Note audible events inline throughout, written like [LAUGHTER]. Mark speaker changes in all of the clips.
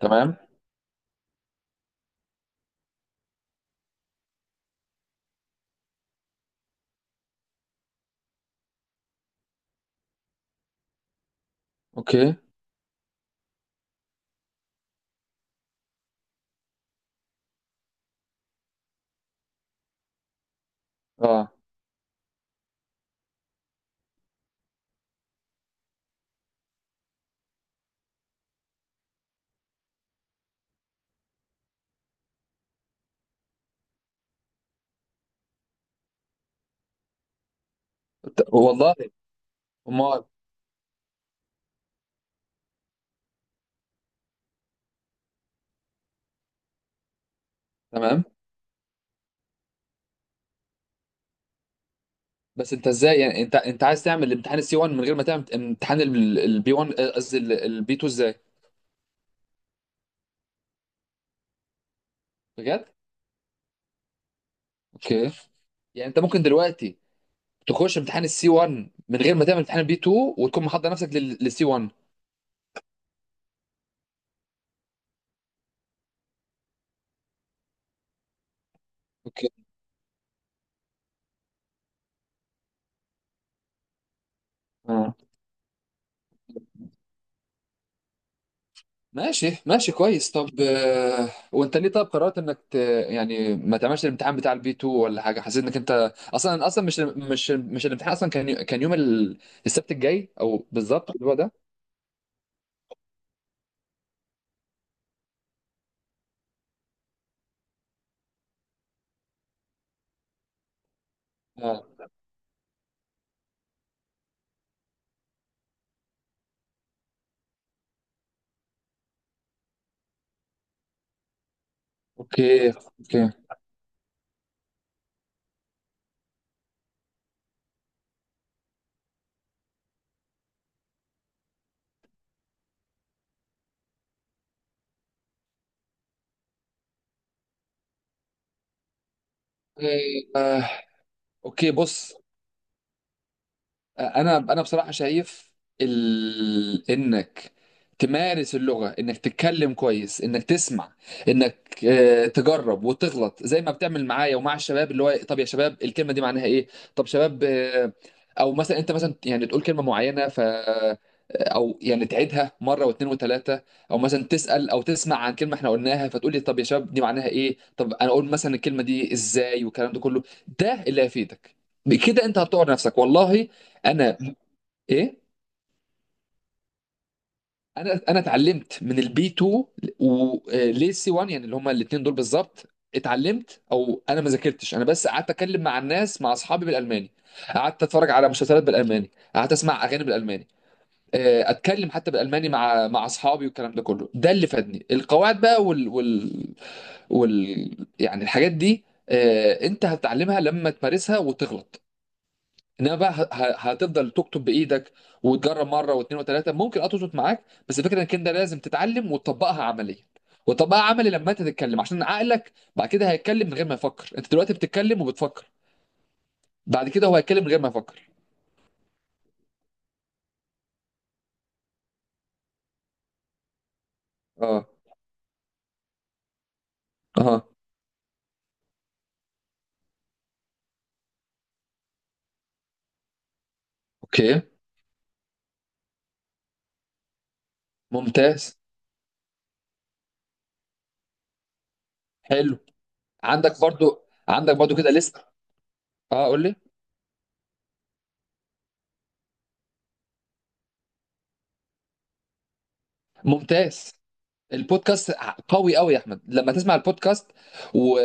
Speaker 1: تمام. اوكي. اه والله. امال؟ تمام. بس انت ازاي، يعني انت عايز تعمل الامتحان السي 1 من غير ما تعمل امتحان البي 1، قصدي البي 2، ازاي؟ بجد؟ اوكي. يعني انت ممكن دلوقتي تخش امتحان السي 1 من غير ما تعمل امتحان البي 2 وتكون محضر نفسك للسي 1؟ اوكي. اه. ماشي ماشي، كويس. طب وانت ليه، طب، قررت يعني ما تعملش الامتحان بتاع البي 2 ولا حاجه؟ حسيت انك انت اصلا اصلا مش الامتحان؟ اصلا كان كان يوم السبت الجاي، او بالظبط اللي هو ده. اه. اوكي اوكي. آه، اوكي. بص، انا بصراحه شايف انك تمارس اللغه، انك تتكلم كويس، انك تسمع، انك تجرب وتغلط زي ما بتعمل معايا ومع الشباب، اللي هو طب يا شباب، الكلمه دي معناها ايه؟ طب شباب، او مثلا انت مثلا يعني تقول كلمه معينه ف آه، او يعني تعيدها مره واثنين وثلاثه، او مثلا تسال او تسمع عن كلمه احنا قلناها، فتقول لي طب يا شباب، دي معناها ايه؟ طب انا اقول مثلا الكلمه دي ازاي؟ والكلام ده كله، ده اللي هيفيدك. بكده انت هتطور نفسك، والله. انا ايه؟ انا اتعلمت من البي 2 وليه سي 1، يعني اللي هما الاثنين دول بالظبط. اتعلمت، او انا ما ذاكرتش، انا بس قعدت اتكلم مع الناس، مع اصحابي، بالالماني. قعدت اتفرج على مسلسلات بالالماني، قعدت اسمع اغاني بالالماني، اتكلم حتى بالالماني مع اصحابي، والكلام ده كله، ده اللي فادني. القواعد بقى، وال يعني الحاجات دي، انت هتتعلمها لما تمارسها وتغلط. انما بقى هتفضل تكتب بايدك وتجرب مره واثنين وثلاثه، ممكن تظبط معاك، بس الفكره انك انت لازم تتعلم وتطبقها عمليا، وتطبقها عملي لما انت تتكلم، عشان عقلك بعد كده هيتكلم من غير ما يفكر. انت دلوقتي بتتكلم وبتفكر، بعد كده هو هيتكلم من غير ما يفكر. اه. اه. اوكي. ممتاز. حلو. عندك برضو عندك برضو كده لسه. اه، قول لي. ممتاز. البودكاست قوي قوي يا احمد، لما تسمع البودكاست و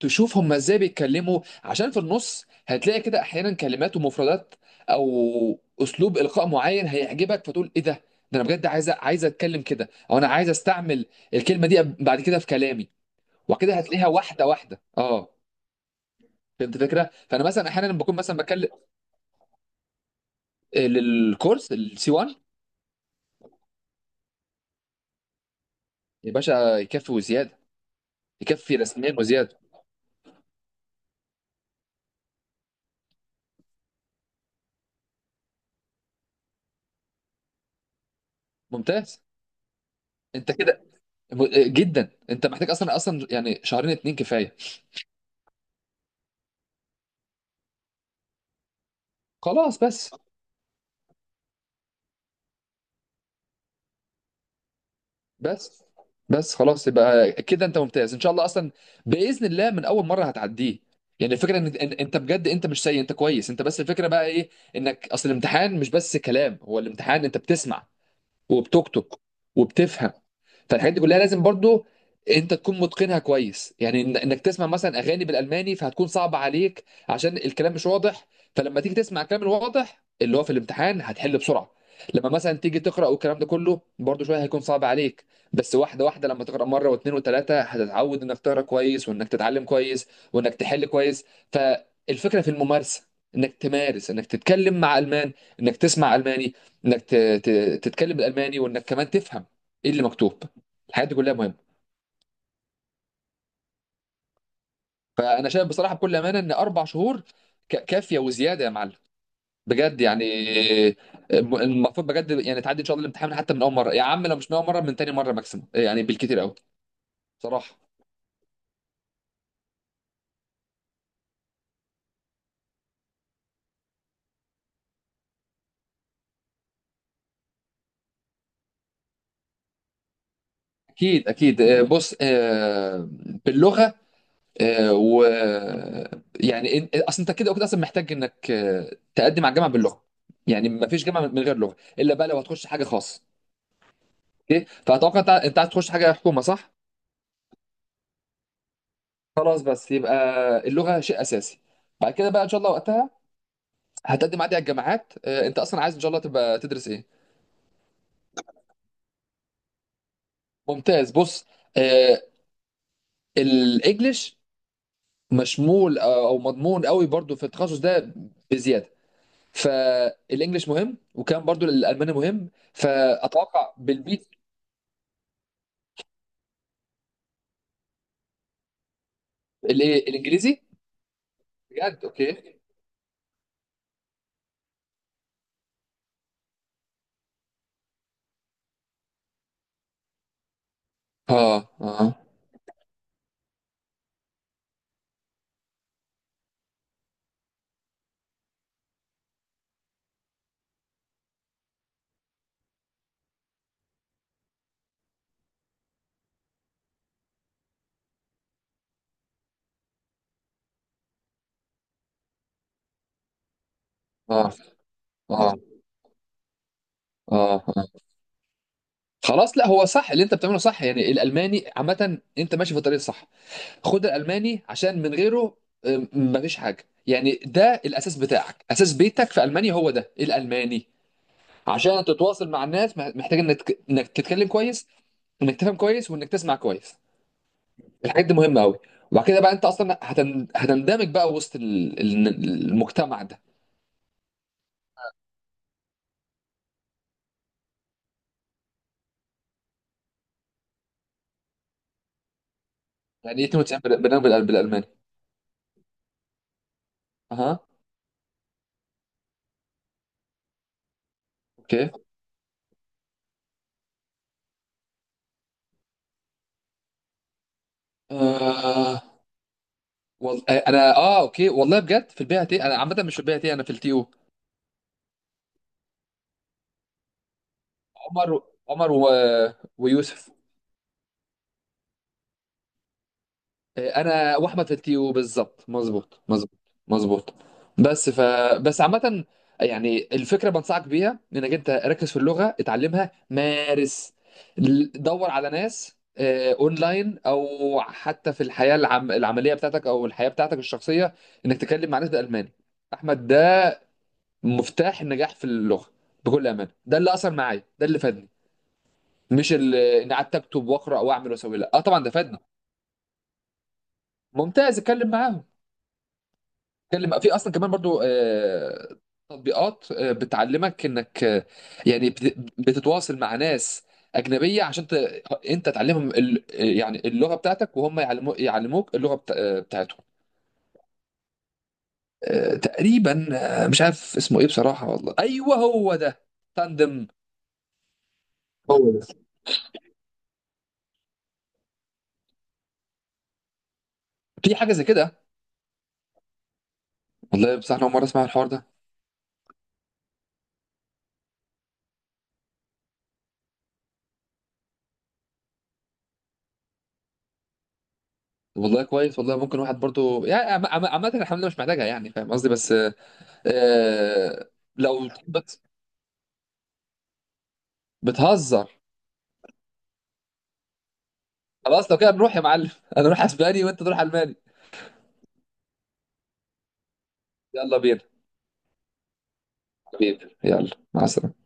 Speaker 1: تشوف هم ازاي بيتكلموا، عشان في النص هتلاقي كده احيانا كلمات ومفردات، او اسلوب القاء معين هيعجبك، فتقول ايه ده؟ ده انا بجد عايز، اتكلم كده، او انا عايز استعمل الكلمه دي بعد كده في كلامي. وكده هتلاقيها بالظبط، واحده واحده. اه فهمت الفكره. فانا مثلا احيانا بكون مثلا بتكلم، للكورس السي 1. يا باشا، يكفي وزياده، يكفي رسمين وزياده. ممتاز. انت كده جدا، انت محتاج اصلا اصلا، يعني شهرين اتنين كفايه. خلاص. بس بس خلاص، يبقى كده انت ممتاز ان شاء الله، اصلا باذن الله من اول مره هتعديه. يعني الفكره ان انت بجد انت مش سيء، انت كويس، انت بس الفكره بقى ايه؟ انك اصل الامتحان مش بس كلام، هو الامتحان انت بتسمع وبتقطق وبتفهم. فالحاجات دي كلها لازم برضو انت تكون متقنها كويس، يعني انك تسمع مثلا اغاني بالالماني فهتكون صعبه عليك، عشان الكلام مش واضح. فلما تيجي تسمع الكلام الواضح اللي هو في الامتحان هتحل بسرعه. لما مثلا تيجي تقرا والكلام ده كله برضو شويه هيكون صعب عليك، بس واحده واحده، لما تقرا مره واثنين وثلاثه هتتعود انك تقرا كويس، وانك تتعلم كويس، وانك تحل كويس. فالفكره في الممارسه، انك تمارس، انك تتكلم مع المان، انك تسمع الماني، انك تتكلم الالماني، وانك كمان تفهم ايه اللي مكتوب. الحاجات دي كلها مهمه. فانا شايف بصراحه بكل امانه ان 4 شهور كافيه وزياده يا معلم. بجد يعني المفروض بجد يعني تعدي ان شاء الله الامتحان حتى من اول مره يا عم، لو مش من اول مره، من تاني مره ماكسيموم، يعني بالكتير قوي. صراحه. اكيد اكيد. بص، باللغه، و يعني اصل انت كده وكده اصلا محتاج انك تقدم على الجامعه باللغه، يعني ما فيش جامعه من غير لغه، الا بقى لو هتخش حاجه خاصه. اوكي، فاتوقع انت عايز تخش حاجه حكومه، صح؟ خلاص، بس يبقى اللغه شيء اساسي. بعد كده بقى ان شاء الله وقتها هتقدم عادي على الجامعات، انت اصلا عايز ان شاء الله تبقى تدرس ايه؟ ممتاز. بص، آه، الانجليش مشمول، او مضمون قوي برضو في التخصص ده، بزياده. فالانجليش مهم، وكان برضو الالماني مهم، فاتوقع بالبيت. الايه، الانجليزي؟ بجد؟ اوكي. اه. اه. اه. اه. اه. آه. خلاص، لا، هو صح اللي انت بتعمله، صح، يعني الالماني عامه انت ماشي في الطريق الصح. خد الالماني، عشان من غيره مفيش حاجه، يعني ده الاساس بتاعك، اساس بيتك في المانيا هو ده الالماني. عشان تتواصل مع الناس محتاج انك انك تتكلم كويس، وانك تفهم كويس، وانك تسمع كويس. الحاجات دي مهمه قوي. وبعد كده بقى انت اصلا هتندمج بقى وسط المجتمع ده. يعني ايه 92 برنامج بالالماني؟ اها. اوكي. آه. والله انا اوكي. والله بجد في البي تي، انا عامه مش في البي تي، انا في التي او. عمر. عمر و... ويوسف. انا واحمد في التي او، بالظبط، مظبوط مظبوط مظبوط. بس ف بس عامه، يعني الفكره بنصحك بيها انك انت ركز في اللغه، اتعلمها، مارس، دور على ناس اونلاين، او حتى في الحياه العمليه بتاعتك او الحياه بتاعتك الشخصيه، انك تتكلم مع ناس بالالماني. احمد، مفتاح النجاح في اللغه بكل امانه، ده اللي اثر معايا، ده اللي فادني، مش اللي اني قعدت اكتب واقرا واعمل واسوي، لا، طبعا ده فادني. ممتاز، اتكلم معاهم، اتكلم، في اصلا كمان برضو تطبيقات بتعلمك انك، يعني بتتواصل مع ناس اجنبيه عشان انت تعلمهم ال... آه، يعني اللغه بتاعتك، وهم يعلموك اللغه بتاعتهم. تقريبا. مش عارف اسمه ايه بصراحه، والله، ايوه، هو ده، تاندم. هو ده. في حاجه زي كده؟ والله بصراحة أنا أول مرة أسمع الحوار ده. والله كويس. والله ممكن واحد برضو، يعني عامة الحملة مش محتاجها، يعني فاهم قصدي؟ بس آه... لو بتهزر، خلاص لو كده نروح يا معلم [LAUGHS] أنا أروح أسباني وأنت تروح ألماني. يلا بينا. حبيبي، يلا، مع السلامة.